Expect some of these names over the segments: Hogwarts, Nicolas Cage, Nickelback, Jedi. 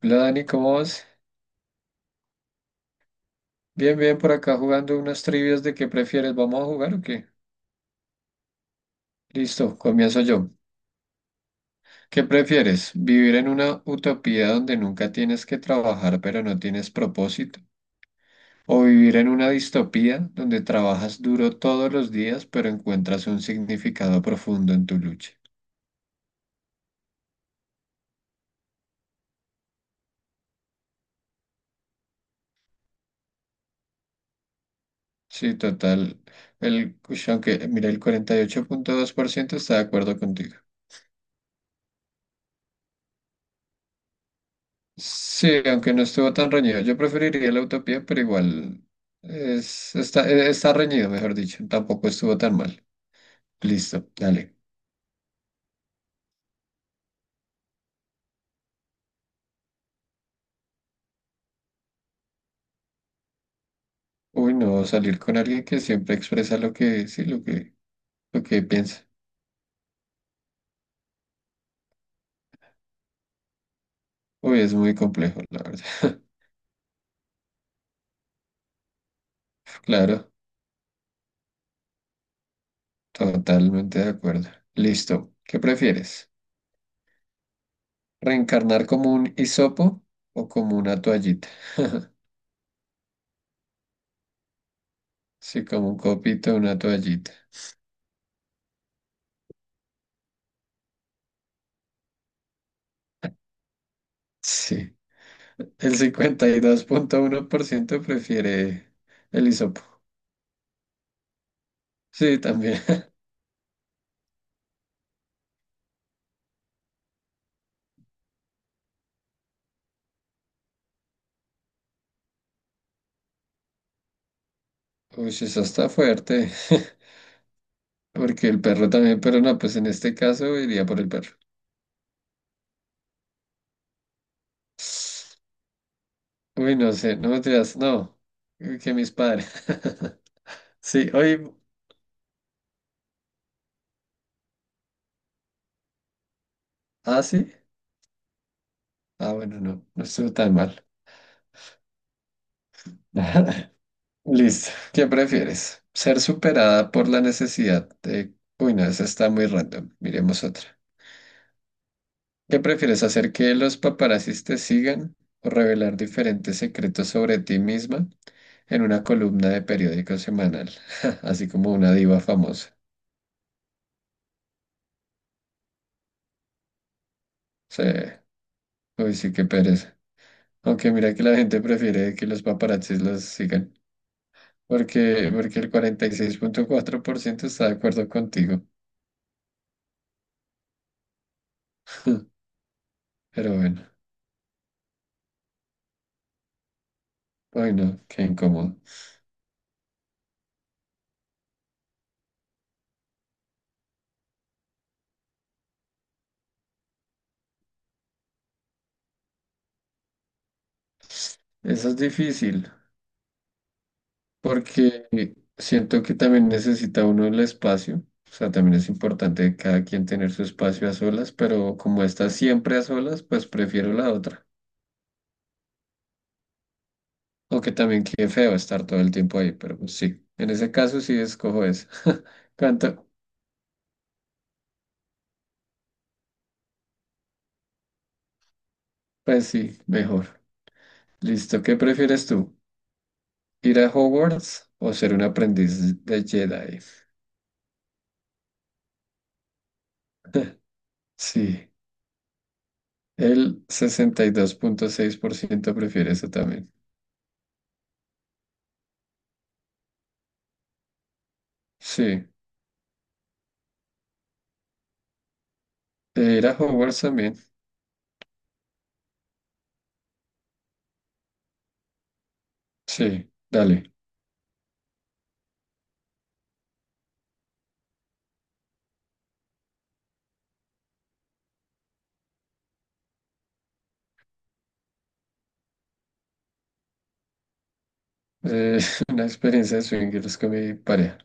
Hola Dani, ¿cómo vas? Bien, bien, por acá jugando unas trivias de qué prefieres. ¿Vamos a jugar o qué? Listo, comienzo yo. ¿Qué prefieres? ¿Vivir en una utopía donde nunca tienes que trabajar pero no tienes propósito? ¿O vivir en una distopía donde trabajas duro todos los días pero encuentras un significado profundo en tu lucha? Sí, total. Aunque, mira, el 48,2% está de acuerdo contigo. Sí, aunque no estuvo tan reñido. Yo preferiría la utopía, pero igual está reñido, mejor dicho. Tampoco estuvo tan mal. Listo, dale. Uy, no, salir con alguien que siempre expresa lo que, sí, lo que piensa. Uy, es muy complejo, la verdad. Claro, totalmente de acuerdo. Listo. ¿Qué prefieres? ¿Reencarnar como un hisopo o como una toallita? Sí, como un copito, una toallita. Sí. El 52,1% prefiere el hisopo. Sí, también. Uy, eso está fuerte. Porque el perro también, pero no, pues en este caso iría por el perro. Uy, no sé, no me digas, no. Uy, que mis padres. Sí, hoy. Ah, sí. Ah, bueno, no, no estuvo tan mal. Listo. ¿Qué prefieres? ¿Ser superada por la necesidad de... Uy, no, esa está muy random. Miremos otra. ¿Qué prefieres hacer que los paparazzis te sigan o revelar diferentes secretos sobre ti misma en una columna de periódico semanal? Así como una diva famosa. Sí, uy, sí, qué pereza. Aunque mira que la gente prefiere que los paparazzis los sigan, porque el 46,4% está de acuerdo contigo. Pero bueno, ay no, qué incómodo. Eso es difícil. Porque siento que también necesita uno el espacio, o sea, también es importante cada quien tener su espacio a solas, pero como está siempre a solas, pues prefiero la otra. Aunque también qué feo estar todo el tiempo ahí, pero pues sí, en ese caso sí escojo esa. ¿Cuánto? Pues sí, mejor. Listo, ¿qué prefieres tú? ¿Ir a Hogwarts o ser un aprendiz de Jedi? Sí, el 62,6% prefiere eso también. Sí, ir a Hogwarts también. Sí, dale. Eh, una experiencia de swingers con mi pareja.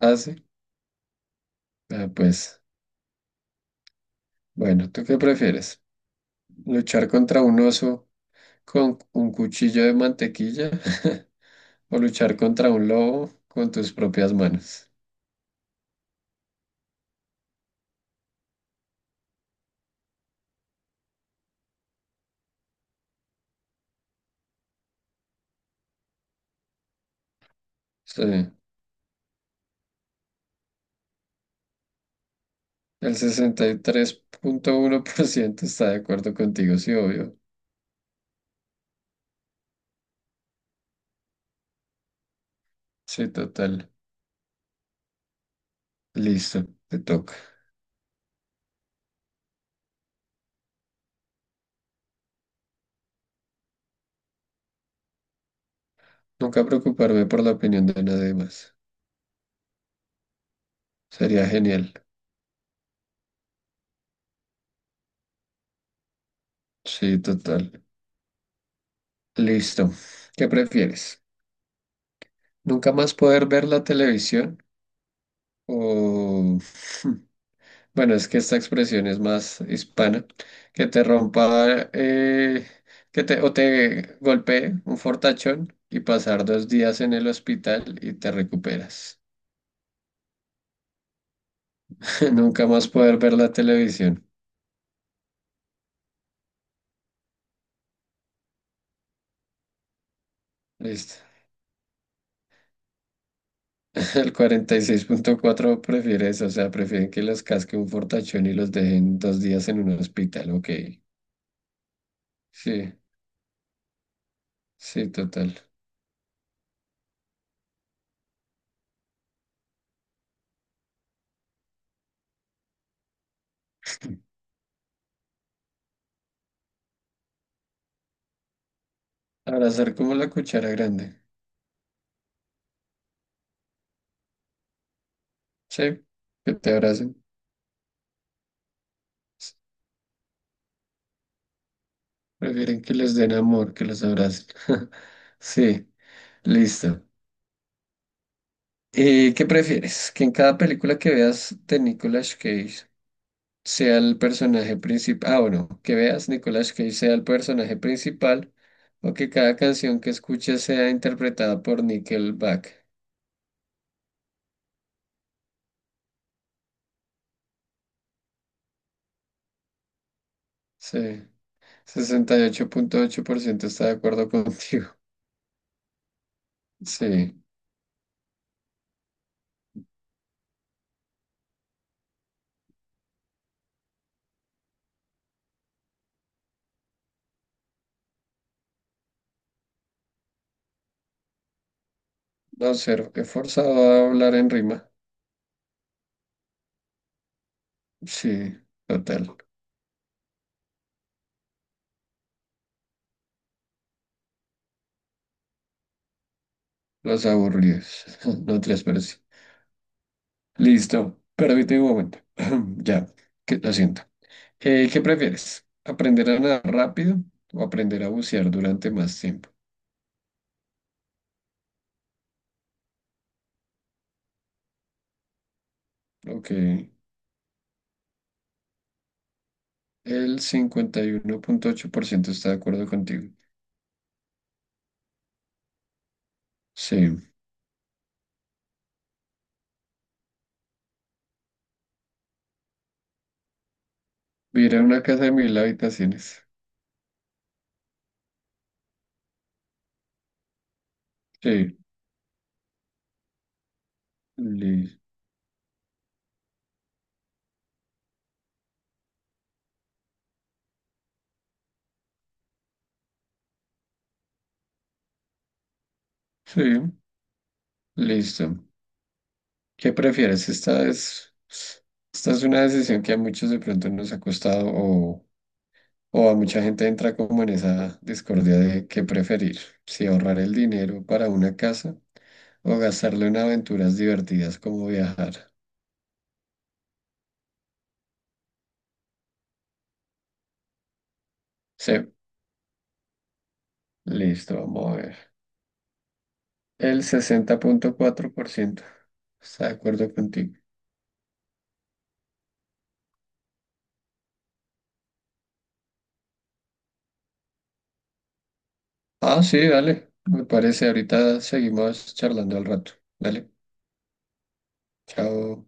¿Ah, sí? Ah, pues, bueno, ¿tú qué prefieres? ¿Luchar contra un oso con un cuchillo de mantequilla o luchar contra un lobo con tus propias manos? Sí, el 63,1% está de acuerdo contigo, sí, obvio. Sí, total. Listo, te toca. Nunca preocuparme por la opinión de nadie más. Sería genial. Sí, total. Listo. ¿Qué prefieres? Nunca más poder ver la televisión o... Bueno, es que esta expresión es más hispana. Que te rompa, que te, o te golpee un fortachón y pasar 2 días en el hospital y te recuperas. Nunca más poder ver la televisión. Listo. El 46,4 prefiere eso, o sea, prefieren que los casque un fortachón y los dejen 2 días en un hospital. Ok. Sí, sí, total. Abrazar como la cuchara grande. Sí, que te abracen. Prefieren que les den amor, que los abracen. Sí, listo. ¿Qué prefieres? ¿Que en cada película que veas de Nicolas Cage sea el personaje principal? Ah, bueno, que veas Nicolas Cage sea el personaje principal o que cada canción que escuches sea interpretada por Nickelback. Sí, sesenta y ocho 8,8% está de acuerdo contigo. Sí, no ser forzado a hablar en rima. Sí, total. Los aburridos. No transparencia. Listo. Permíteme un momento. Ya. Lo siento. ¿Qué prefieres? ¿Aprender a nadar rápido o aprender a bucear durante más tiempo? Ok. El 51,8% está de acuerdo contigo. Sí. Vivir en una casa de 1.000 habitaciones. Sí. Li- sí. Listo. ¿Qué prefieres? Esta es una decisión que a muchos de pronto nos ha costado o a mucha gente entra como en esa discordia de qué preferir, si ahorrar el dinero para una casa o gastarlo en aventuras divertidas como viajar. Sí, listo, vamos a ver. El 60,4% está de acuerdo contigo. Ah, sí, dale, me parece. Ahorita seguimos charlando al rato. Dale, chao.